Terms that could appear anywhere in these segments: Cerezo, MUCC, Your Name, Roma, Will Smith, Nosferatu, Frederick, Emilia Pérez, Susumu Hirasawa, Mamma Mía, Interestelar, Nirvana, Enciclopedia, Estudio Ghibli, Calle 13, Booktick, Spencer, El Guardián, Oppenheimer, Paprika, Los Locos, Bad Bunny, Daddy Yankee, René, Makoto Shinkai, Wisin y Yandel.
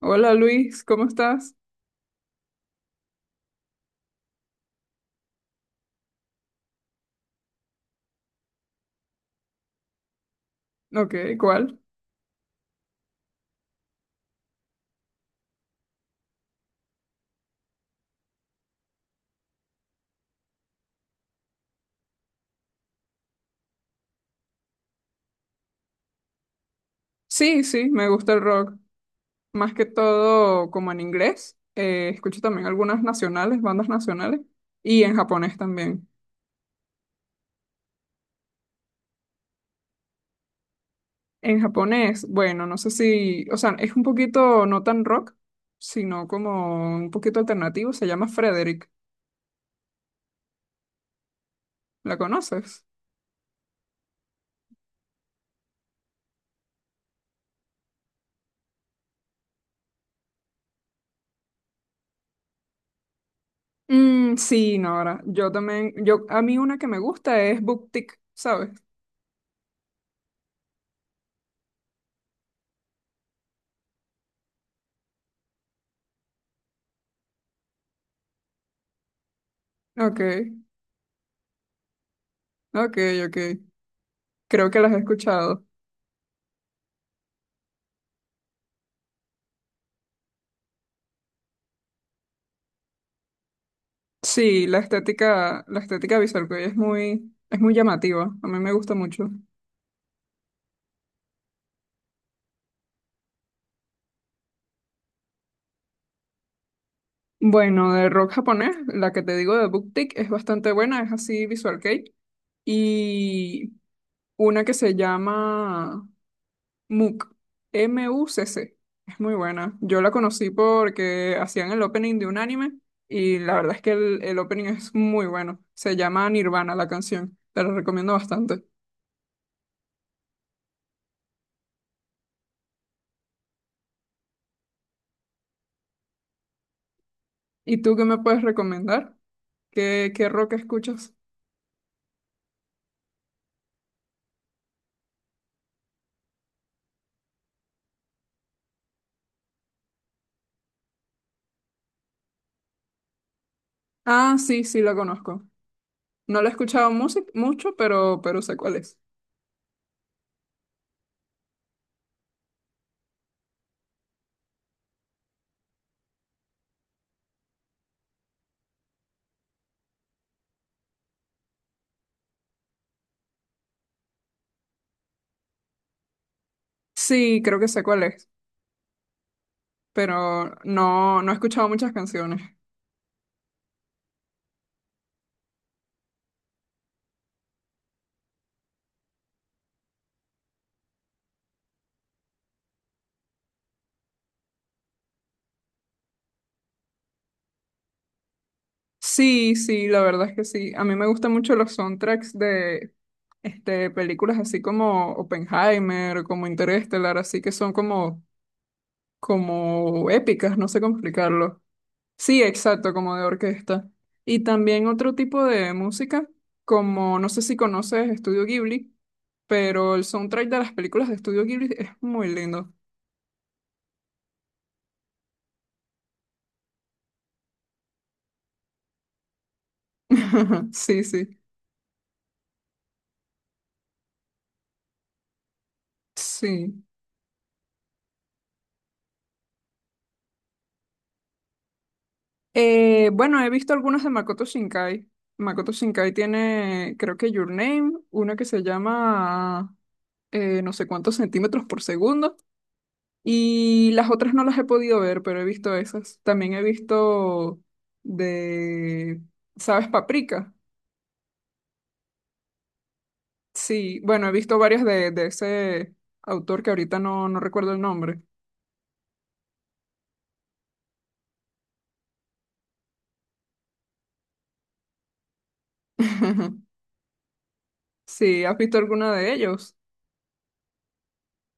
Hola Luis, ¿cómo estás? Ok, ¿cuál? Sí, sí, me gusta el rock. Más que todo como en inglés. Escucho también algunas nacionales, bandas nacionales. Y en japonés también. En japonés, bueno, no sé si, o sea, es un poquito no tan rock, sino como un poquito alternativo. Se llama Frederick. ¿La conoces? Mm, sí, Nora. Yo también, a mí una que me gusta es Booktick, ¿sabes? Ok, ok, ok. Creo que las he escuchado. Sí, la estética visual que hoy es muy llamativa. A mí me gusta mucho. Bueno, de rock japonés, la que te digo de BookTik es bastante buena, es así visual kei. Y una que se llama MUCC, MUCC. Es muy buena. Yo la conocí porque hacían el opening de un anime y la verdad es que el opening es muy bueno. Se llama Nirvana la canción. Te la recomiendo bastante. ¿Y tú qué me puedes recomendar? ¿Qué rock escuchas? Ah, sí, sí, lo conozco. No lo he escuchado mucho, pero sé cuál es. Sí, creo que sé cuál es, pero no, no he escuchado muchas canciones. Sí, sí, la verdad es que sí. A mí me gustan mucho los soundtracks de películas así como Oppenheimer, como Interestelar, así que son como épicas, no sé cómo explicarlo. Sí, exacto, como de orquesta. Y también otro tipo de música, como no sé si conoces Estudio Ghibli. Pero el soundtrack de las películas de Estudio Ghibli es muy lindo. Sí, sí, sí. Bueno, he visto algunas de Makoto Shinkai. Makoto Shinkai tiene, creo que Your Name, una que se llama no sé cuántos centímetros por segundo. Y las otras no las he podido ver, pero he visto esas. También he visto de, ¿sabes? Paprika. Sí, bueno, he visto varias de ese autor que ahorita no, no recuerdo el nombre. Sí, ¿has visto alguna de ellos?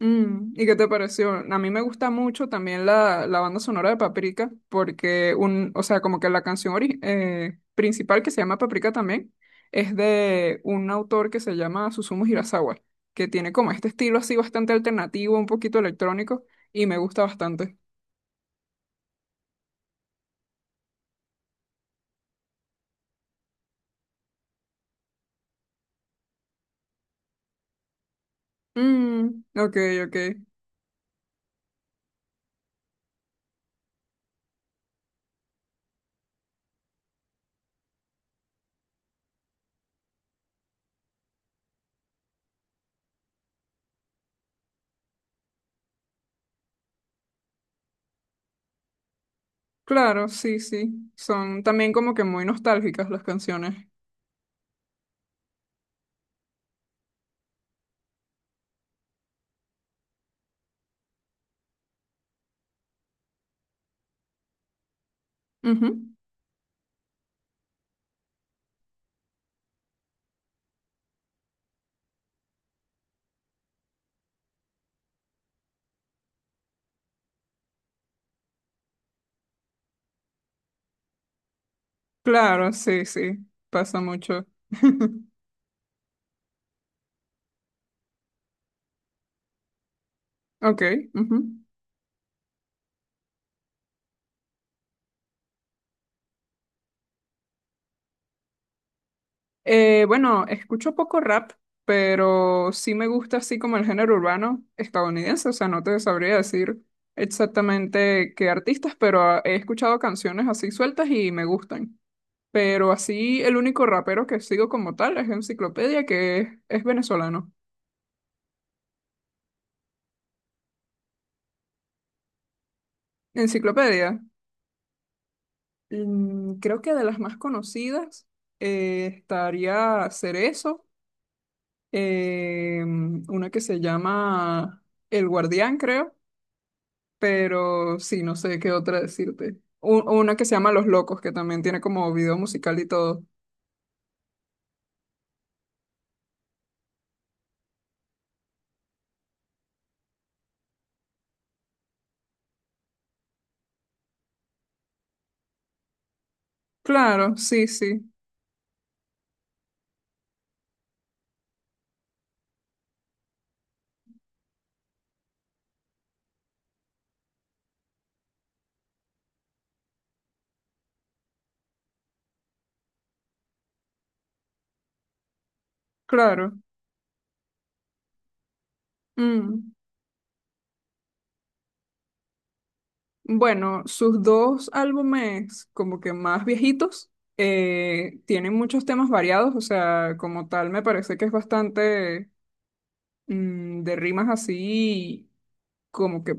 Mm, ¿y qué te pareció? A mí me gusta mucho también la banda sonora de Paprika, porque o sea, como que la canción principal que se llama Paprika también es de un autor que se llama Susumu Hirasawa, que tiene como este estilo así bastante alternativo, un poquito electrónico, y me gusta bastante. Mm, ok, ok. Claro, sí, sí. Son también como que muy nostálgicas las canciones. Ujú. Claro, sí, sí. Pasa mucho. Ok. Ujú. Bueno, escucho poco rap, pero sí me gusta así como el género urbano estadounidense, o sea, no te sabría decir exactamente qué artistas, pero he escuchado canciones así sueltas y me gustan. Pero así el único rapero que sigo como tal es Enciclopedia, que es venezolano. Enciclopedia, creo que de las más conocidas estaría Cerezo, eh, una que se llama El Guardián, creo. Pero sí, no sé qué otra decirte. Una que se llama Los Locos, que también tiene como video musical y todo. Claro, sí, sí, claro. Mm. Bueno, sus dos álbumes como que más viejitos tienen muchos temas variados, o sea, como tal me parece que es bastante de rimas así, como que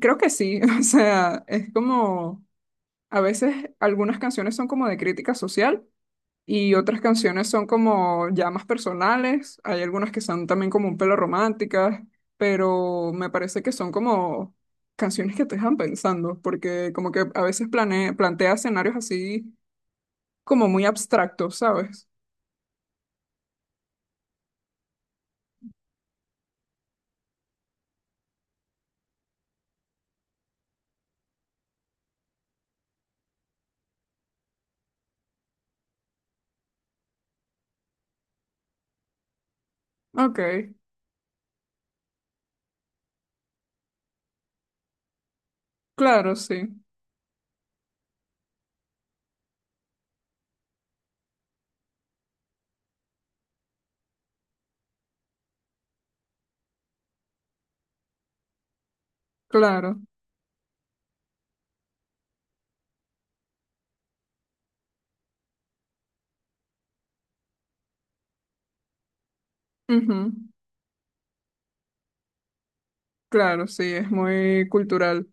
creo que sí, o sea, es como a veces algunas canciones son como de crítica social y otras canciones son como ya más personales, hay algunas que son también como un pelo románticas, pero me parece que son como canciones que te dejan pensando, porque como que a veces plantea escenarios así como muy abstractos, ¿sabes? Ok, claro, sí, claro, ujú. Claro, sí, es muy cultural.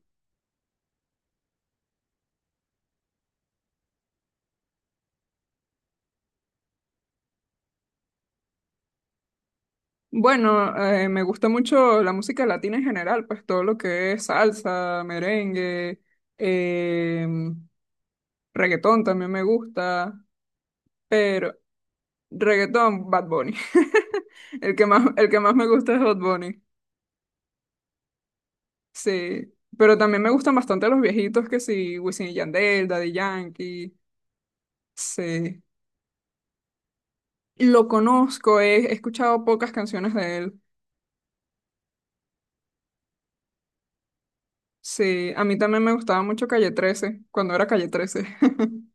Bueno, me gusta mucho la música latina en general, pues todo lo que es salsa, merengue, em, Reggaetón también me gusta, pero reggaetón, Bad Bunny. El que más me gusta es Bad Bunny. Sí, pero también me gustan bastante los viejitos que sí, Wisin y Yandel, Daddy Yankee. Sí, lo conozco, he escuchado pocas canciones de él. Sí, a mí también me gustaba mucho Calle 13 cuando era Calle 13.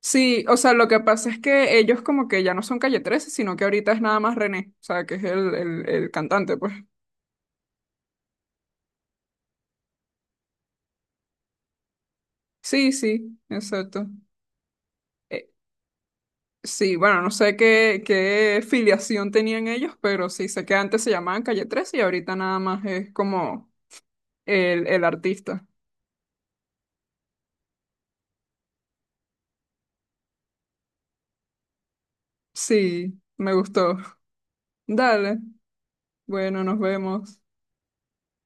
Sí, o sea, lo que pasa es que ellos como que ya no son Calle 13, sino que ahorita es nada más René, o sea, que es el cantante, pues. Sí, sí, exacto. Eh, sí, bueno, no sé qué filiación tenían ellos, pero sí sé que antes se llamaban Calle 13 y ahorita nada más es como el artista. Sí, me gustó. Dale, bueno, nos vemos.